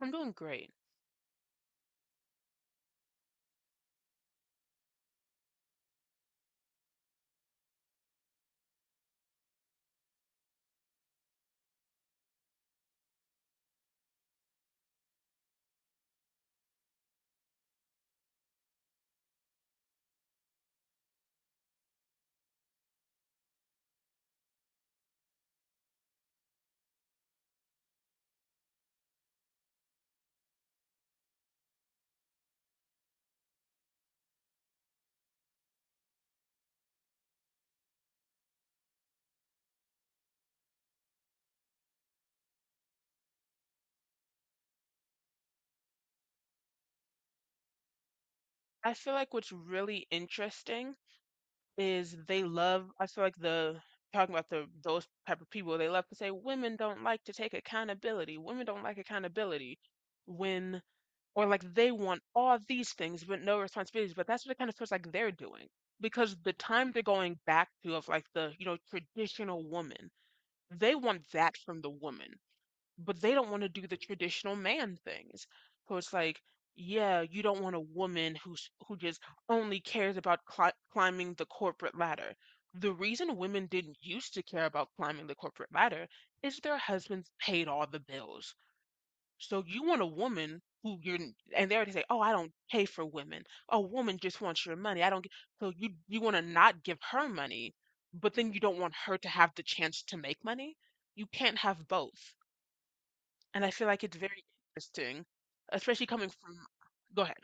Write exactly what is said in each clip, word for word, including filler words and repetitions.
I'm doing great. I feel like what's really interesting is they love, I feel like the talking about the those type of people. They love to say women don't like to take accountability. Women don't like accountability when, or like, they want all these things but no responsibilities. But that's what it kind of feels like they're doing. Because the time they're going back to of, like, the, you know, traditional woman, they want that from the woman, but they don't want to do the traditional man things. So it's like, yeah, you don't want a woman who's who just only cares about cli climbing the corporate ladder. The reason women didn't used to care about climbing the corporate ladder is their husbands paid all the bills. So you want a woman who you're, and they already say, oh, I don't pay for women. A woman just wants your money. I don't. G-" So you you want to not give her money, but then you don't want her to have the chance to make money. You can't have both. And I feel like it's very interesting, especially coming from— Go ahead.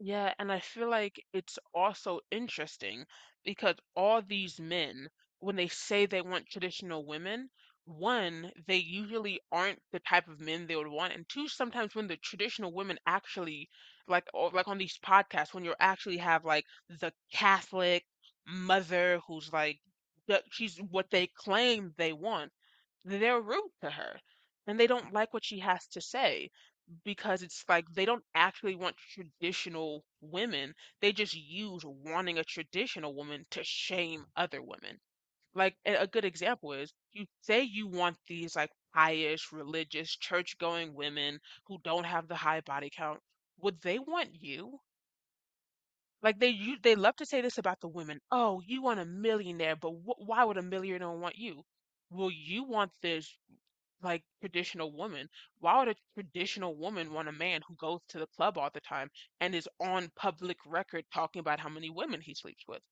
Yeah, and I feel like it's also interesting because all these men, when they say they want traditional women, one, they usually aren't the type of men they would want, and two, sometimes when the traditional women actually, like, or like on these podcasts, when you actually have like the Catholic mother who's like, that she's what they claim they want, they're rude to her and they don't like what she has to say because it's like they don't actually want traditional women. They just use wanting a traditional woman to shame other women. Like a a good example is you say you want these like pious, religious, church-going women who don't have the high body count. Would they want you? Like they you, they love to say this about the women. Oh, you want a millionaire, but wh why would a millionaire want you? Well, you want this like traditional woman. Why would a traditional woman want a man who goes to the club all the time and is on public record talking about how many women he sleeps with?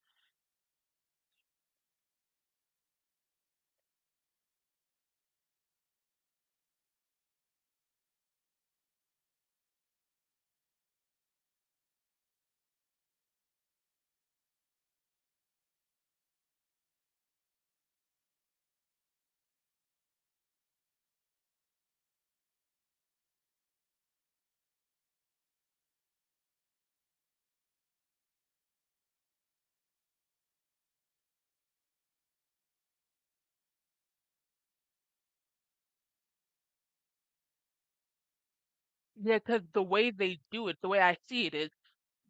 Yeah, because the way they do it, the way I see it is,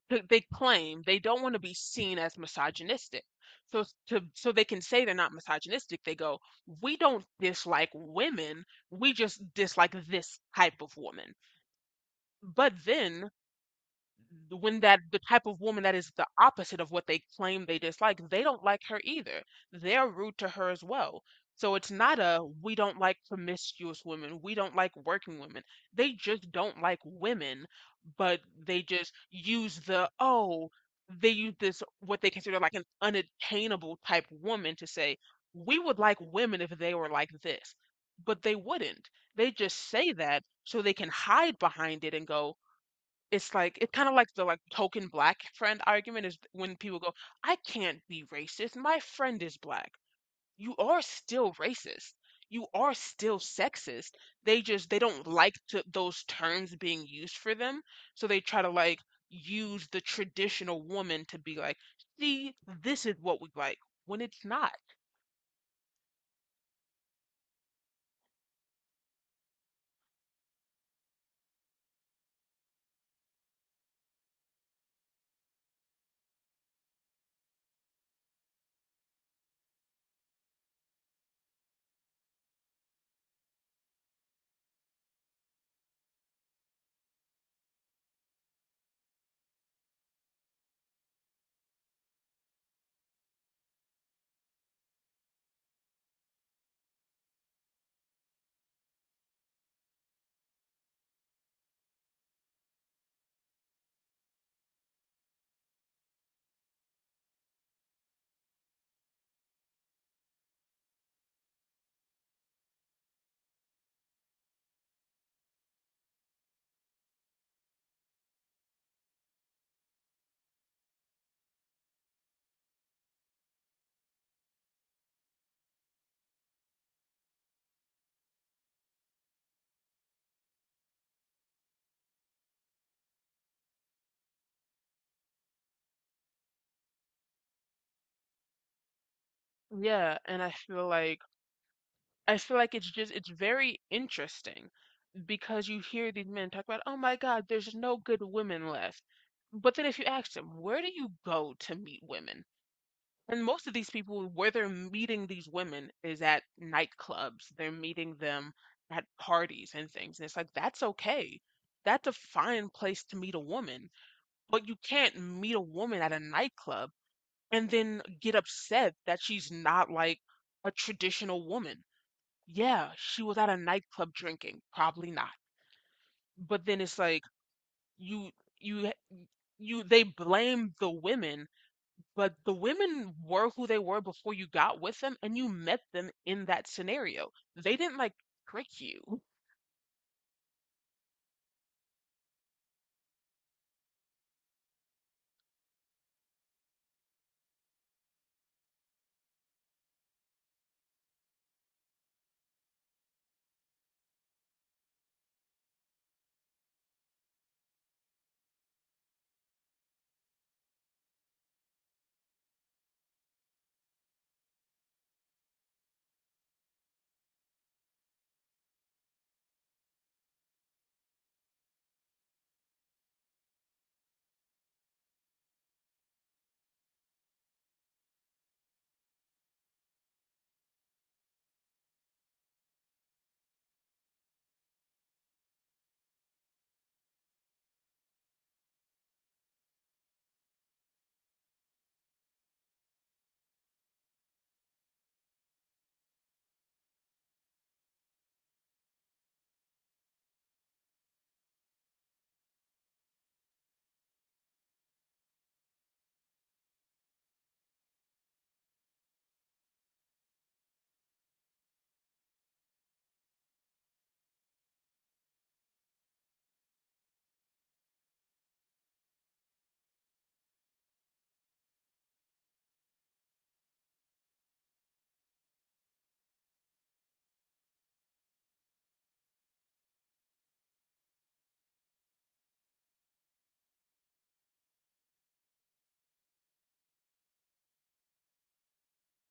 th- they claim they don't want to be seen as misogynistic. So s- to so they can say they're not misogynistic, they go, "We don't dislike women, we just dislike this type of woman." But then the- when that the type of woman that is the opposite of what they claim they dislike, they don't like her either. They're rude to her as well. So it's not a we don't like promiscuous women, we don't like working women. They just don't like women, but they just use the oh, they use this what they consider like an unattainable type woman to say, we would like women if they were like this. But they wouldn't. They just say that so they can hide behind it and go, it's like it's kinda like the, like, token black friend argument is when people go, "I can't be racist, my friend is black." You are still racist. You are still sexist. They just, they don't like to those terms being used for them, so they try to, like, use the traditional woman to be like, "See, this is what we like," when it's not. Yeah, and I feel like— I feel like it's just, it's very interesting, because you hear these men talk about, oh my God, there's no good women left. But then if you ask them, where do you go to meet women? And most of these people, where they're meeting these women is at nightclubs. They're meeting them at parties and things. And it's like, that's okay. That's a fine place to meet a woman. But you can't meet a woman at a nightclub and then get upset that she's not like a traditional woman. Yeah, she was at a nightclub drinking. Probably not. But then it's like, you you you they blame the women, but the women were who they were before you got with them and you met them in that scenario. They didn't like trick you.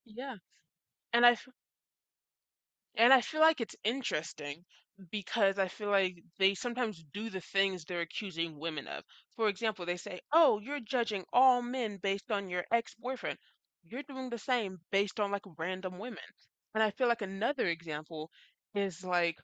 Yeah. And I f- and I feel like it's interesting because I feel like they sometimes do the things they're accusing women of. For example, they say, "Oh, you're judging all men based on your ex-boyfriend." You're doing the same based on like random women. And I feel like another example is like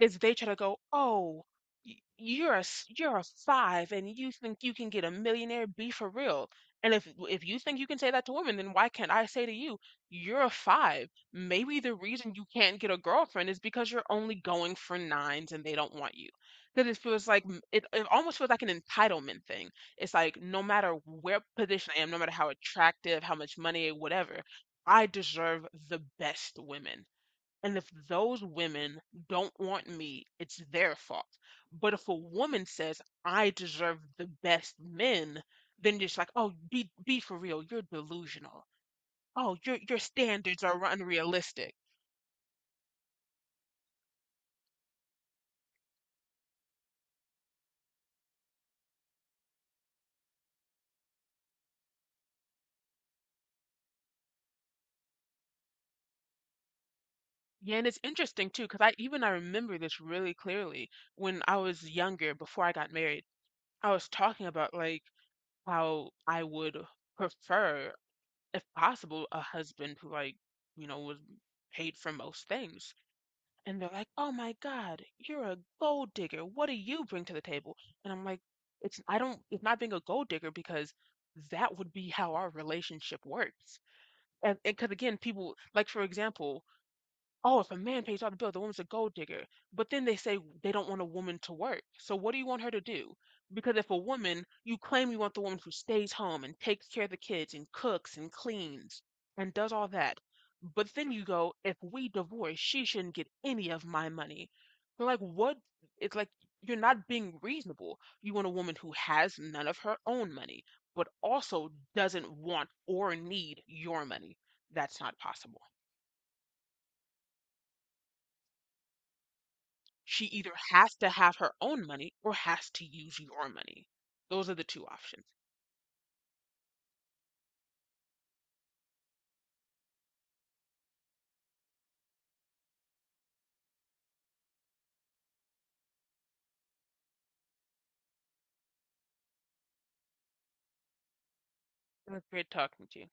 is they try to go, oh, y- you're a s- you're a five, and you think you can get a millionaire? Be for real. And if if you think you can say that to women, then why can't I say to you, you're a five? Maybe the reason you can't get a girlfriend is because you're only going for nines, and they don't want you. Because it feels like m- it, it almost feels like an entitlement thing. It's like no matter where position I am, no matter how attractive, how much money, whatever, I deserve the best women. And if those women don't want me, it's their fault. But if a woman says, I deserve the best men, then just like, oh, be be for real, you're delusional. Oh, your your standards are unrealistic. Yeah, and it's interesting too, because I even I remember this really clearly when I was younger, before I got married, I was talking about like how I would prefer, if possible, a husband who like, you know, was paid for most things. And they're like, "Oh my God, you're a gold digger. What do you bring to the table?" And I'm like, "It's— I don't— it's not being a gold digger because that would be how our relationship works." And because again, people like for example, oh, if a man pays off the bill, the woman's a gold digger. But then they say they don't want a woman to work. So what do you want her to do? Because if a woman, you claim you want the woman who stays home and takes care of the kids and cooks and cleans and does all that. But then you go, if we divorce, she shouldn't get any of my money. They're like, what? It's like you're not being reasonable. You want a woman who has none of her own money, but also doesn't want or need your money. That's not possible. She either has to have her own money or has to use your money. Those are the two options. It was great talking to you.